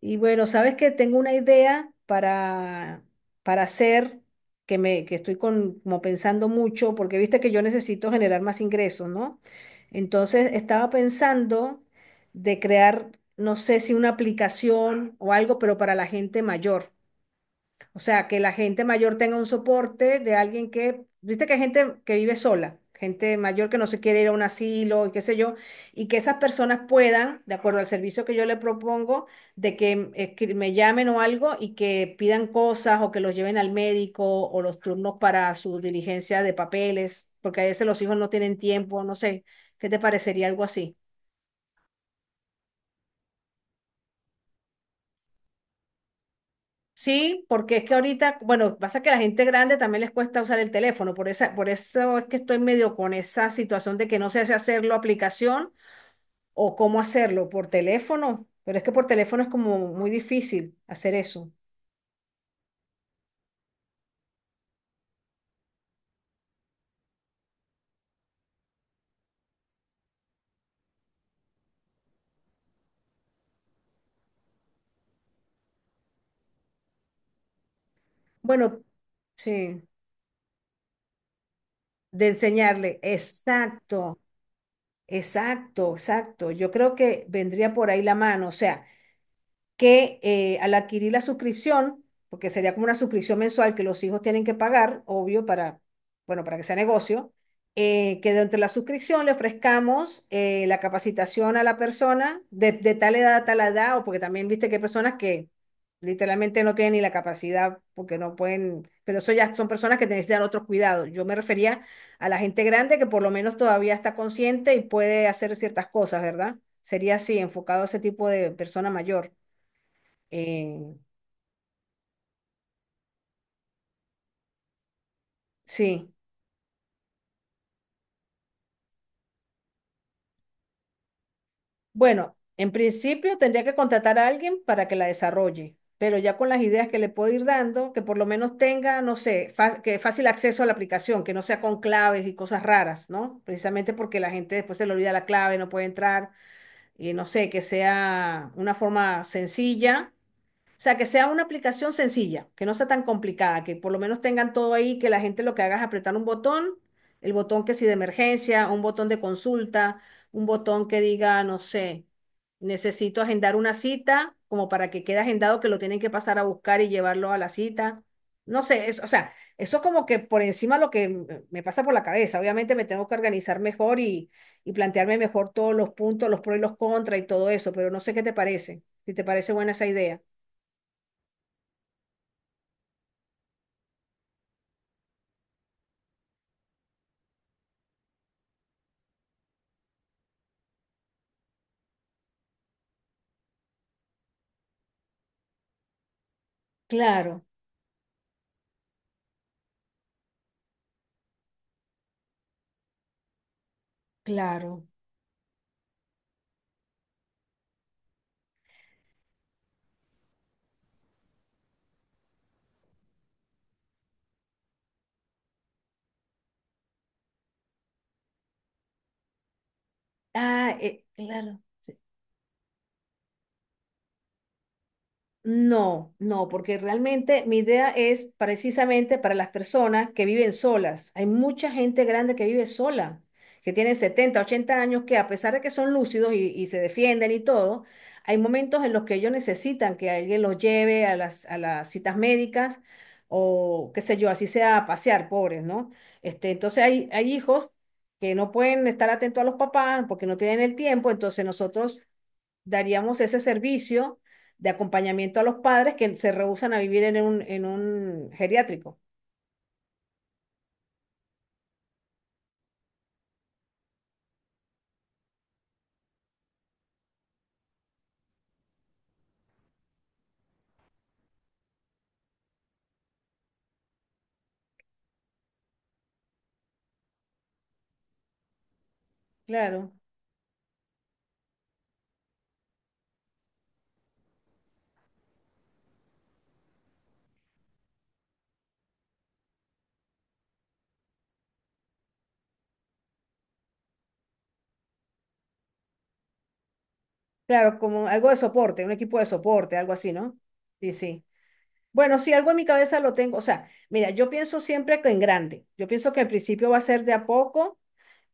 Y bueno, sabes que tengo una idea para hacer, que estoy como pensando mucho, porque viste que yo necesito generar más ingresos, ¿no? Entonces estaba pensando de crear, no sé si una aplicación o algo, pero para la gente mayor. O sea, que la gente mayor tenga un soporte de alguien que, viste que hay gente que vive sola, gente mayor que no se quiere ir a un asilo y qué sé yo, y que esas personas puedan, de acuerdo al servicio que yo le propongo, de que me llamen o algo y que pidan cosas o que los lleven al médico o los turnos para su diligencia de papeles, porque a veces los hijos no tienen tiempo, no sé, ¿qué te parecería algo así? Sí, porque es que ahorita, bueno, pasa que a la gente grande también les cuesta usar el teléfono, por esa, por eso es que estoy medio con esa situación de que no sé si hacerlo aplicación o cómo hacerlo por teléfono, pero es que por teléfono es como muy difícil hacer eso. Bueno, sí, de enseñarle, exacto, exacto, exacto. Yo creo que vendría por ahí la mano, o sea. Que al adquirir la suscripción, porque sería como una suscripción mensual que los hijos tienen que pagar, obvio, para, bueno, para que sea negocio, que dentro de la suscripción le ofrezcamos la capacitación a la persona de tal edad a tal edad, o porque también viste que hay personas que literalmente no tienen ni la capacidad porque no pueden, pero eso ya son personas que necesitan otros cuidados. Yo me refería a la gente grande que por lo menos todavía está consciente y puede hacer ciertas cosas, ¿verdad? Sería así, enfocado a ese tipo de persona mayor. Eh, sí, bueno, en principio tendría que contratar a alguien para que la desarrolle, pero ya con las ideas que le puedo ir dando, que por lo menos tenga, no sé, que fácil acceso a la aplicación, que no sea con claves y cosas raras, ¿no? Precisamente porque la gente después se le olvida la clave, no puede entrar, y no sé, que sea una forma sencilla. O sea, que sea una aplicación sencilla, que no sea tan complicada, que por lo menos tengan todo ahí, que la gente lo que haga es apretar un botón, el botón que si de emergencia, un botón de consulta, un botón que diga, no sé, necesito agendar una cita, como para que quede agendado que lo tienen que pasar a buscar y llevarlo a la cita. No sé, o sea, eso es como que por encima lo que me pasa por la cabeza. Obviamente me tengo que organizar mejor y plantearme mejor todos los puntos, los pros y los contras y todo eso, pero no sé qué te parece, si te parece buena esa idea. Claro, claro. Ah, claro. Sí. No, no, porque realmente mi idea es precisamente para las personas que viven solas. Hay mucha gente grande que vive sola, que tiene 70, 80 años, que a pesar de que son lúcidos y se defienden y todo, hay momentos en los que ellos necesitan que alguien los lleve a las citas médicas o qué sé yo, así sea a pasear, pobres, ¿no? Este, entonces hay hijos que no pueden estar atentos a los papás porque no tienen el tiempo, entonces nosotros daríamos ese servicio de acompañamiento a los padres que se rehúsan a vivir en un geriátrico. Claro, claro, como algo de soporte, un equipo de soporte, algo así, ¿no? Sí, sí. Bueno, sí, algo en mi cabeza lo tengo. O sea, mira, yo pienso siempre que en grande. Yo pienso que al principio va a ser de a poco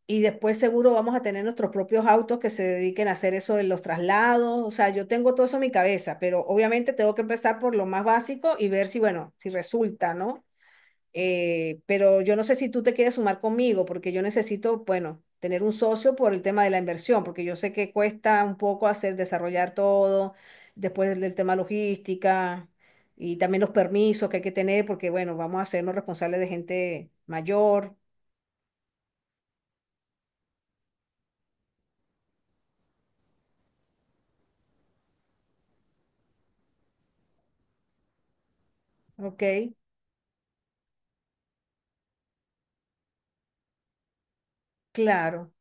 y después seguro vamos a tener nuestros propios autos que se dediquen a hacer eso de los traslados. O sea, yo tengo todo eso en mi cabeza, pero obviamente tengo que empezar por lo más básico y ver si, bueno, si resulta, ¿no? Pero yo no sé si tú te quieres sumar conmigo, porque yo necesito, bueno, tener un socio por el tema de la inversión, porque yo sé que cuesta un poco hacer desarrollar todo, después el tema logística y también los permisos que hay que tener, porque bueno, vamos a hacernos responsables de gente mayor, ¿ok? Claro.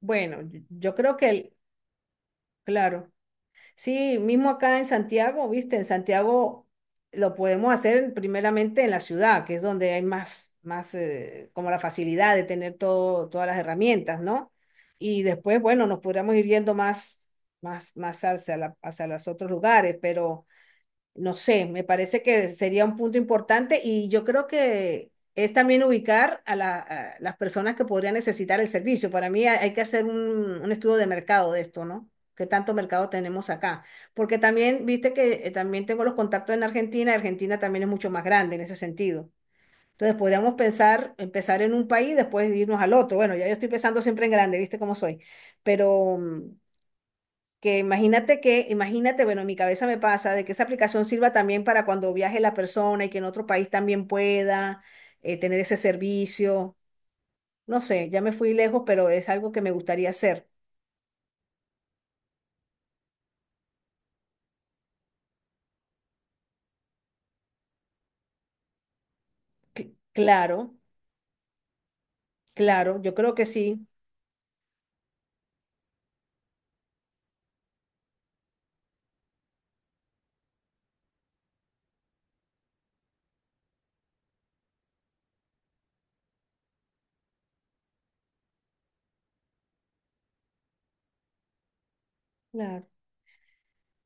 Bueno, yo creo que el, claro. Sí, mismo acá en Santiago, viste, en Santiago lo podemos hacer primeramente en la ciudad, que es donde hay más, más como la facilidad de tener todo, todas las herramientas, ¿no? Y después, bueno, nos podríamos ir yendo más, más, más hacia hacia los otros lugares, pero... No sé, me parece que sería un punto importante y yo creo que es también ubicar a, a las personas que podrían necesitar el servicio. Para mí hay que hacer un estudio de mercado de esto, ¿no? ¿Qué tanto mercado tenemos acá? Porque también, viste que también tengo los contactos en Argentina, Argentina también es mucho más grande en ese sentido. Entonces podríamos pensar, empezar en un país, después irnos al otro. Bueno, ya yo estoy pensando siempre en grande, viste cómo soy, pero... que, imagínate, bueno, en mi cabeza me pasa de que esa aplicación sirva también para cuando viaje la persona y que en otro país también pueda tener ese servicio. No sé, ya me fui lejos, pero es algo que me gustaría hacer. Claro, claro, yo creo que sí. Claro.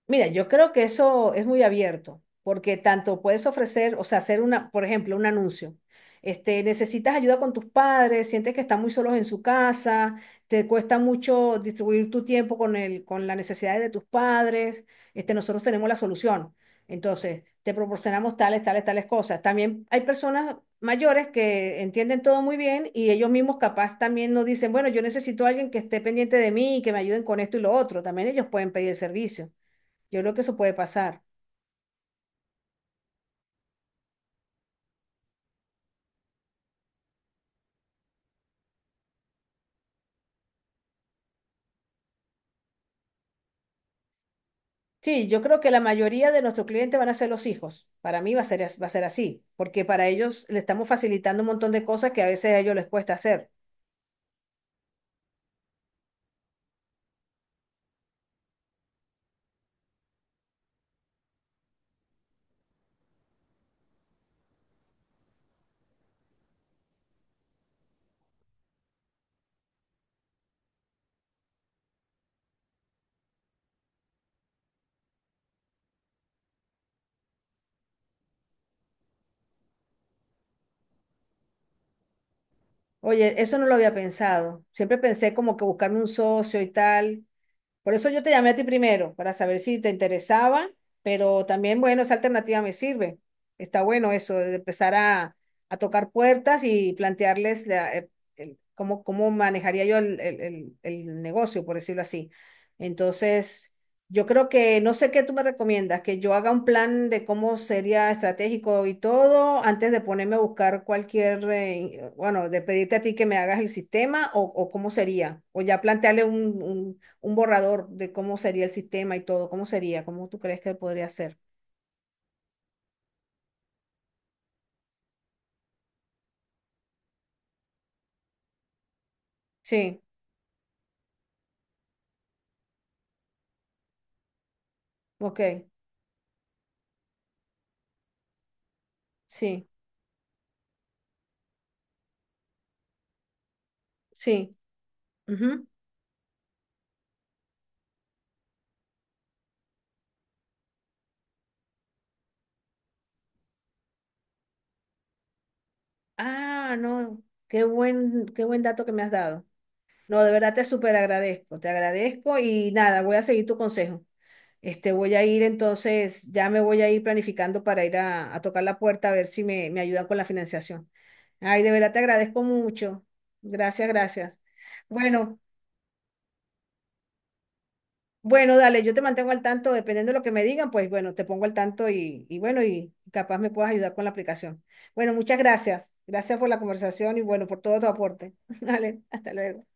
Mira, yo creo que eso es muy abierto, porque tanto puedes ofrecer, o sea, hacer una, por ejemplo, un anuncio. Este, necesitas ayuda con tus padres, sientes que están muy solos en su casa, te cuesta mucho distribuir tu tiempo con el, con las necesidades de tus padres. Este, nosotros tenemos la solución. Entonces, te proporcionamos tales, tales, tales cosas. También hay personas mayores que entienden todo muy bien y ellos mismos capaz también nos dicen, bueno, yo necesito a alguien que esté pendiente de mí y que me ayuden con esto y lo otro. También ellos pueden pedir el servicio. Yo creo que eso puede pasar. Sí, yo creo que la mayoría de nuestros clientes van a ser los hijos. Para mí va a ser, va a ser así, porque para ellos le estamos facilitando un montón de cosas que a veces a ellos les cuesta hacer. Oye, eso no lo había pensado. Siempre pensé como que buscarme un socio y tal, por eso yo te llamé a ti primero, para saber si te interesaba, pero también, bueno, esa alternativa me sirve. Está bueno eso, de empezar a tocar puertas y plantearles cómo, cómo manejaría yo el negocio, por decirlo así. Entonces, yo creo que, no sé qué tú me recomiendas, que yo haga un plan de cómo sería estratégico y todo antes de ponerme a buscar cualquier, bueno, de pedirte a ti que me hagas el sistema o cómo sería, o ya plantearle un, un borrador de cómo sería el sistema y todo, cómo sería, cómo tú crees que podría ser. Sí, ok, sí, sí. Ujú. Ah, no, qué buen dato que me has dado. No, de verdad te súper agradezco, te agradezco y nada, voy a seguir tu consejo. Este, voy a ir entonces, ya me voy a ir planificando para ir a tocar la puerta a ver si me, me ayudan con la financiación. Ay, de verdad te agradezco mucho. Gracias, gracias. Bueno. Bueno, dale, yo te mantengo al tanto, dependiendo de lo que me digan, pues bueno, te pongo al tanto y bueno, y capaz me puedas ayudar con la aplicación. Bueno, muchas gracias. Gracias por la conversación y bueno, por todo tu aporte. Dale, hasta luego.